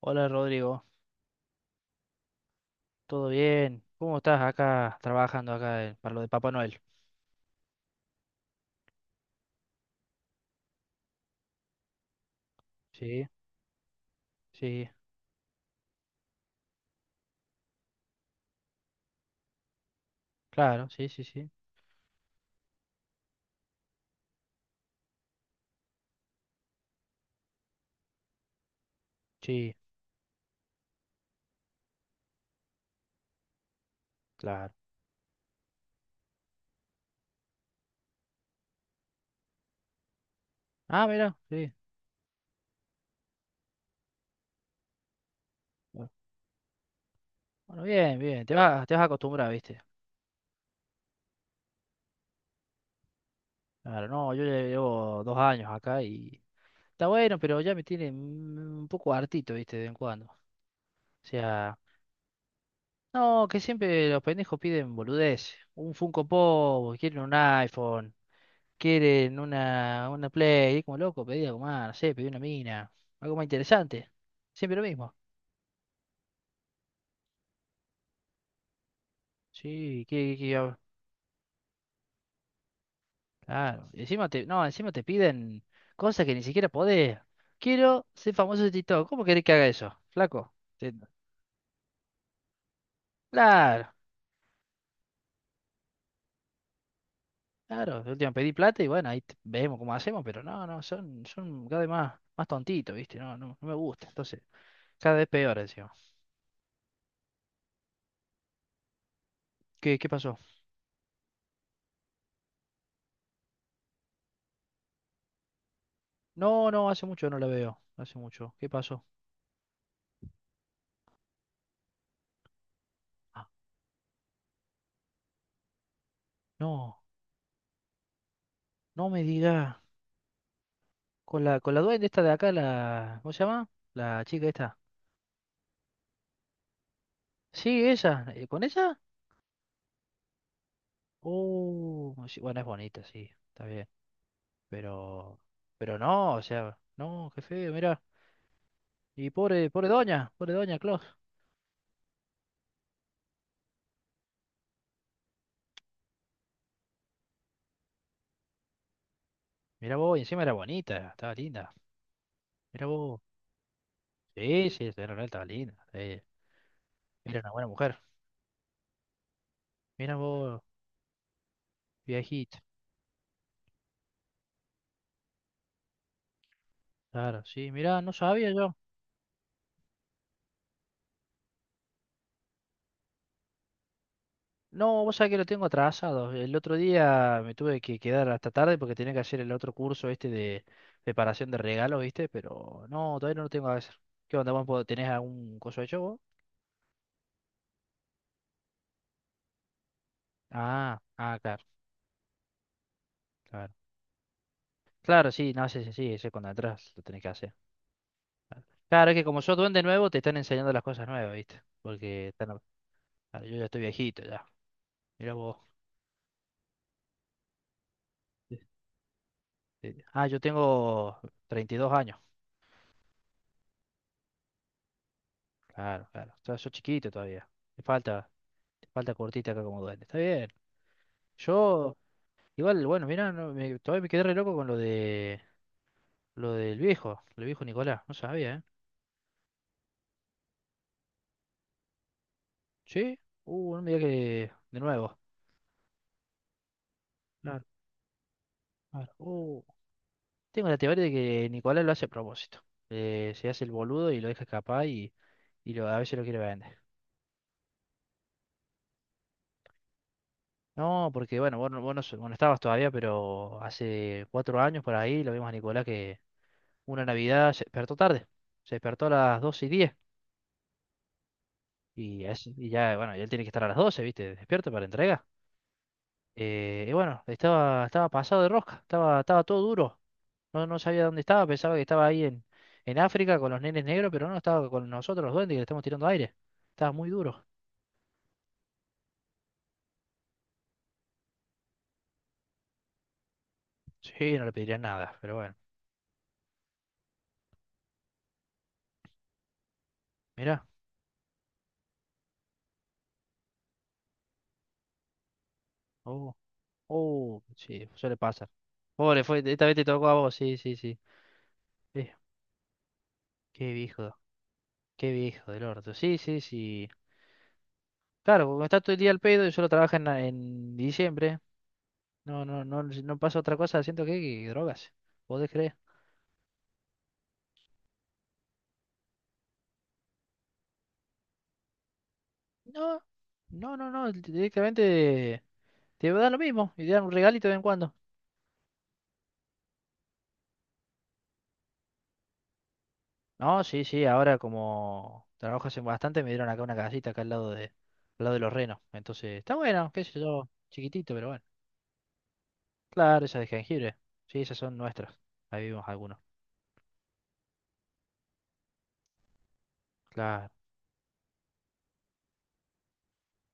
Hola Rodrigo, ¿todo bien? ¿Cómo estás acá trabajando acá para lo de Papá Noel? Sí, sí, claro, sí, sí, sí, sí, claro. Ah, mira, sí. bu- Bueno, bien, bien, te vas a acostumbrar, ¿viste? Claro, no, yo ya llevo 2 años acá y está bueno, pero ya me tiene un poco hartito, ¿viste? De vez en cuando. O sea, no, que siempre los pendejos piden boludez, un Funko Pop, quieren un iPhone. Quieren una play, y como loco, pedí algo más, no sé, pedí una mina, algo más interesante, siempre lo mismo. Sí, ah, claro, y no, encima te piden cosas que ni siquiera podés. Quiero ser famoso de TikTok, ¿cómo querés que haga eso? Flaco, claro, claro, de última pedí plata y bueno, ahí vemos cómo hacemos, pero no, no, son cada vez más tontitos, ¿viste? No, no, no me gusta, entonces, cada vez peor encima. ¿Qué pasó? No, no, hace mucho no la veo, hace mucho, ¿qué pasó? Ah, no. No me diga. Con la duende esta de acá, la. ¿Cómo se llama? La chica esta. Sí, ella. ¿Con ella? Oh, sí, bueno, es bonita, sí. Está bien. Pero. Pero no, o sea. No, qué feo, mira. Y pobre doña Claus. Mira vos, y encima era bonita, estaba linda. Mira vos. Sí, sí, estaba linda. Sí. Era una buena mujer. Mira vos, viejita. Claro, sí, mira, no sabía yo. No, vos sabés que lo tengo atrasado. El otro día me tuve que quedar hasta tarde porque tenía que hacer el otro curso este de preparación de regalos, ¿viste? Pero no, todavía no lo tengo a hacer. ¿Qué onda, vos tenés algún coso hecho vos? Ah, ah, claro, claro. Claro, sí, no, sí, sí, sí, ese cuando atrás lo tenés que hacer. Claro, es que como sos duende nuevo, te están enseñando las cosas nuevas, ¿viste? Porque claro, yo ya estoy viejito ya. Mira vos. Sí, sí. Ah, yo tengo 32 años. Claro, claro. O sea, sos chiquito todavía. Te falta, te falta cortita acá como duende. Está bien. Yo, igual, bueno, mirá, no, todavía me quedé re loco con lo del viejo, el viejo Nicolás, no sabía, ¿eh? ¿Sí? No me digas que de nuevo. Claro, claro. Tengo la teoría de que Nicolás lo hace a propósito. Se hace el boludo y lo deja escapar y a veces lo quiere vender. No, porque bueno, vos no estabas todavía, pero hace 4 años por ahí lo vimos a Nicolás que una Navidad se despertó tarde. Se despertó a las 12 y diez. Y ya, bueno, y él tiene que estar a las 12, ¿viste? Despierto para entregar. Y bueno, estaba pasado de rosca, estaba todo duro. No, no sabía dónde estaba, pensaba que estaba ahí en África con los nenes negros, pero no, estaba con nosotros los duendes que le estamos tirando aire. Estaba muy duro. Sí, no le pediría nada, pero bueno. Mirá. Oh, oh, sí, suele pasar. Pobre, esta vez te tocó a vos, sí, sí, sí. Eh, qué viejo, Qué viejo del orto. Sí, sí, sí. Claro, como está todo el día al pedo y solo trabaja en diciembre, no, no, no, no pasa otra cosa, siento que drogas. ¿Podés creer? No, no, no, no, directamente te va a dar lo mismo y te dan un regalito de vez en cuando. No, sí, sí, ahora como trabajas en bastante me dieron acá una casita acá al lado de los renos. Entonces, está bueno, qué sé yo, chiquitito, pero bueno. Claro, esas de jengibre. Sí, esas son nuestras. Ahí vivimos algunos. Claro,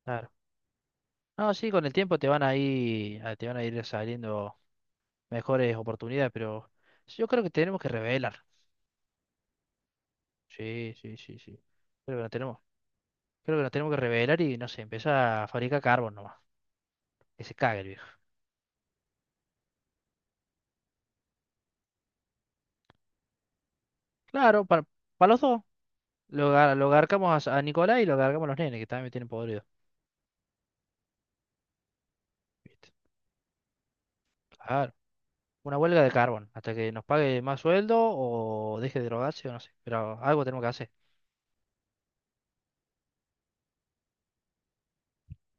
claro. No, sí, con el tiempo te van a ir saliendo mejores oportunidades, pero yo creo que tenemos que revelar. Sí, sí, sí, sí. Creo que no tenemos. Creo que nos tenemos que revelar y no sé, empieza a fabricar carbón nomás. Que se cague el viejo. Claro, para los dos. Lo garcamos a Nicolás y lo garcamos a los nenes, que también me tienen podrido. ¿Viste? Claro. Una huelga de carbón, hasta que nos pague más sueldo o deje de drogarse o no sé. Pero algo tenemos que hacer.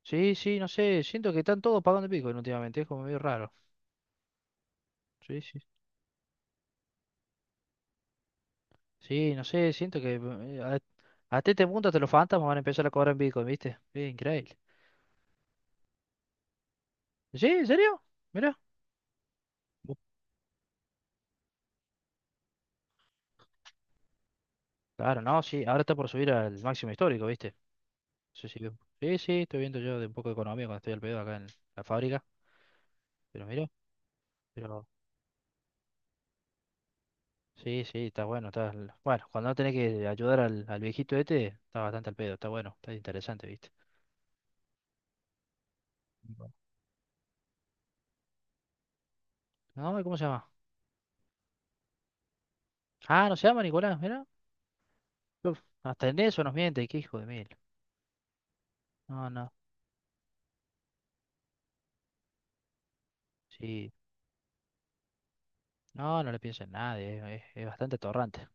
Sí, sí, no sé. Siento que están todos pagando pico últimamente. Es como medio raro. Sí, sí. Sí, no sé. Siento que hasta este punto hasta los fantasmas van a empezar a cobrar en Bitcoin, ¿viste? Es increíble. ¿Sí? ¿En serio? Mira. Claro, no, sí, ahora está por subir al máximo histórico, ¿viste? Sí, sí, sí, sí, estoy viendo yo de un poco de economía cuando estoy al pedo acá en la fábrica, pero mira, pero sí, sí, está bueno, bueno, cuando no tenés que ayudar al viejito este, está bastante al pedo, está bueno, está interesante, ¿viste? Bueno. No, ¿cómo se llama? Ah, no se llama Nicolás, mira. Uf, hasta en eso nos miente, qué hijo de mil. No, no, sí, no, no le piensa en nadie, es bastante atorrante.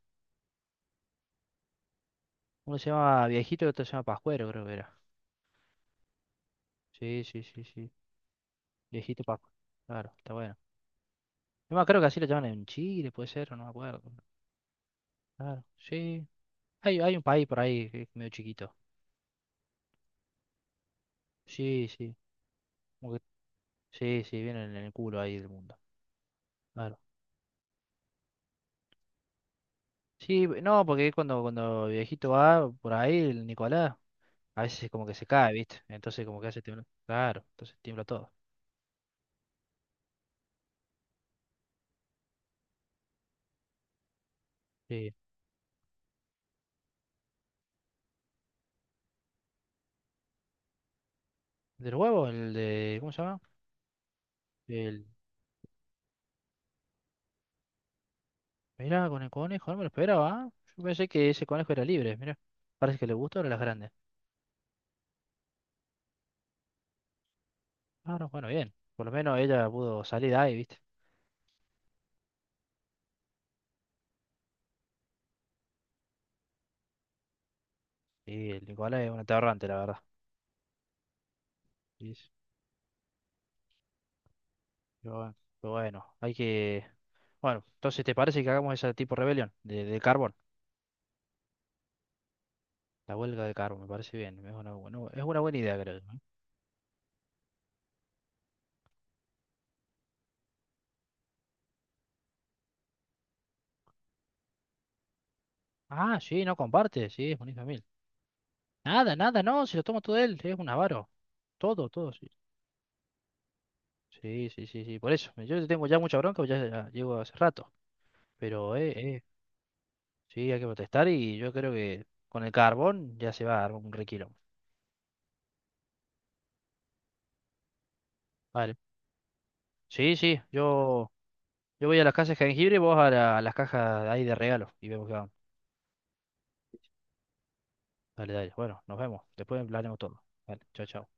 Uno se llama viejito y otro se llama Pascuero, creo que era. Sí, sí, sí, sí, viejito Pascuero, claro, está bueno. Yo me acuerdo que así lo llaman en Chile, puede ser, o no me acuerdo. Claro, sí. Hay un país por ahí que es medio chiquito. Sí, sí. como que- sí, sí, vienen en el culo ahí del mundo. Claro. Sí, no, porque cuando viejito va por ahí, el Nicolás, a veces como que se cae, ¿viste? Entonces como que hace temblar. Claro, entonces tiembla todo. Sí. ¿Del huevo? ¿Cómo se llama? El... Mirá, con el conejo, no me lo esperaba. ¿Ah? Yo pensé que ese conejo era libre, mirá. Parece que le gustó a las grandes. Ah, no, bueno, bien. Por lo menos ella pudo salir de ahí, ¿viste? Sí, el Nicolás es un aterrante, la verdad. Sí, sí. Pero bueno, pero bueno, hay que. Bueno, entonces, ¿te parece que hagamos ese tipo de rebelión de carbón? La huelga de carbón, me parece bien. Es una buena idea, creo yo, ¿eh? Ah, sí, no comparte, sí, es bonito mil. Nada, nada, no, se lo toma todo él, es un avaro. Todo, todo, sí. Sí, sí, sí, sí, por eso. Yo tengo ya mucha bronca, pues ya llevo hace rato. Pero, eh, sí, hay que protestar y yo creo que con el carbón ya se va a armar un requilón. Vale. Sí, sí, yo. Yo voy a las cajas de jengibre y vos a las cajas ahí de regalo y vemos qué vamos. Dale, dale. Bueno, nos vemos. Después hablaremos todo. Dale, chao, chao.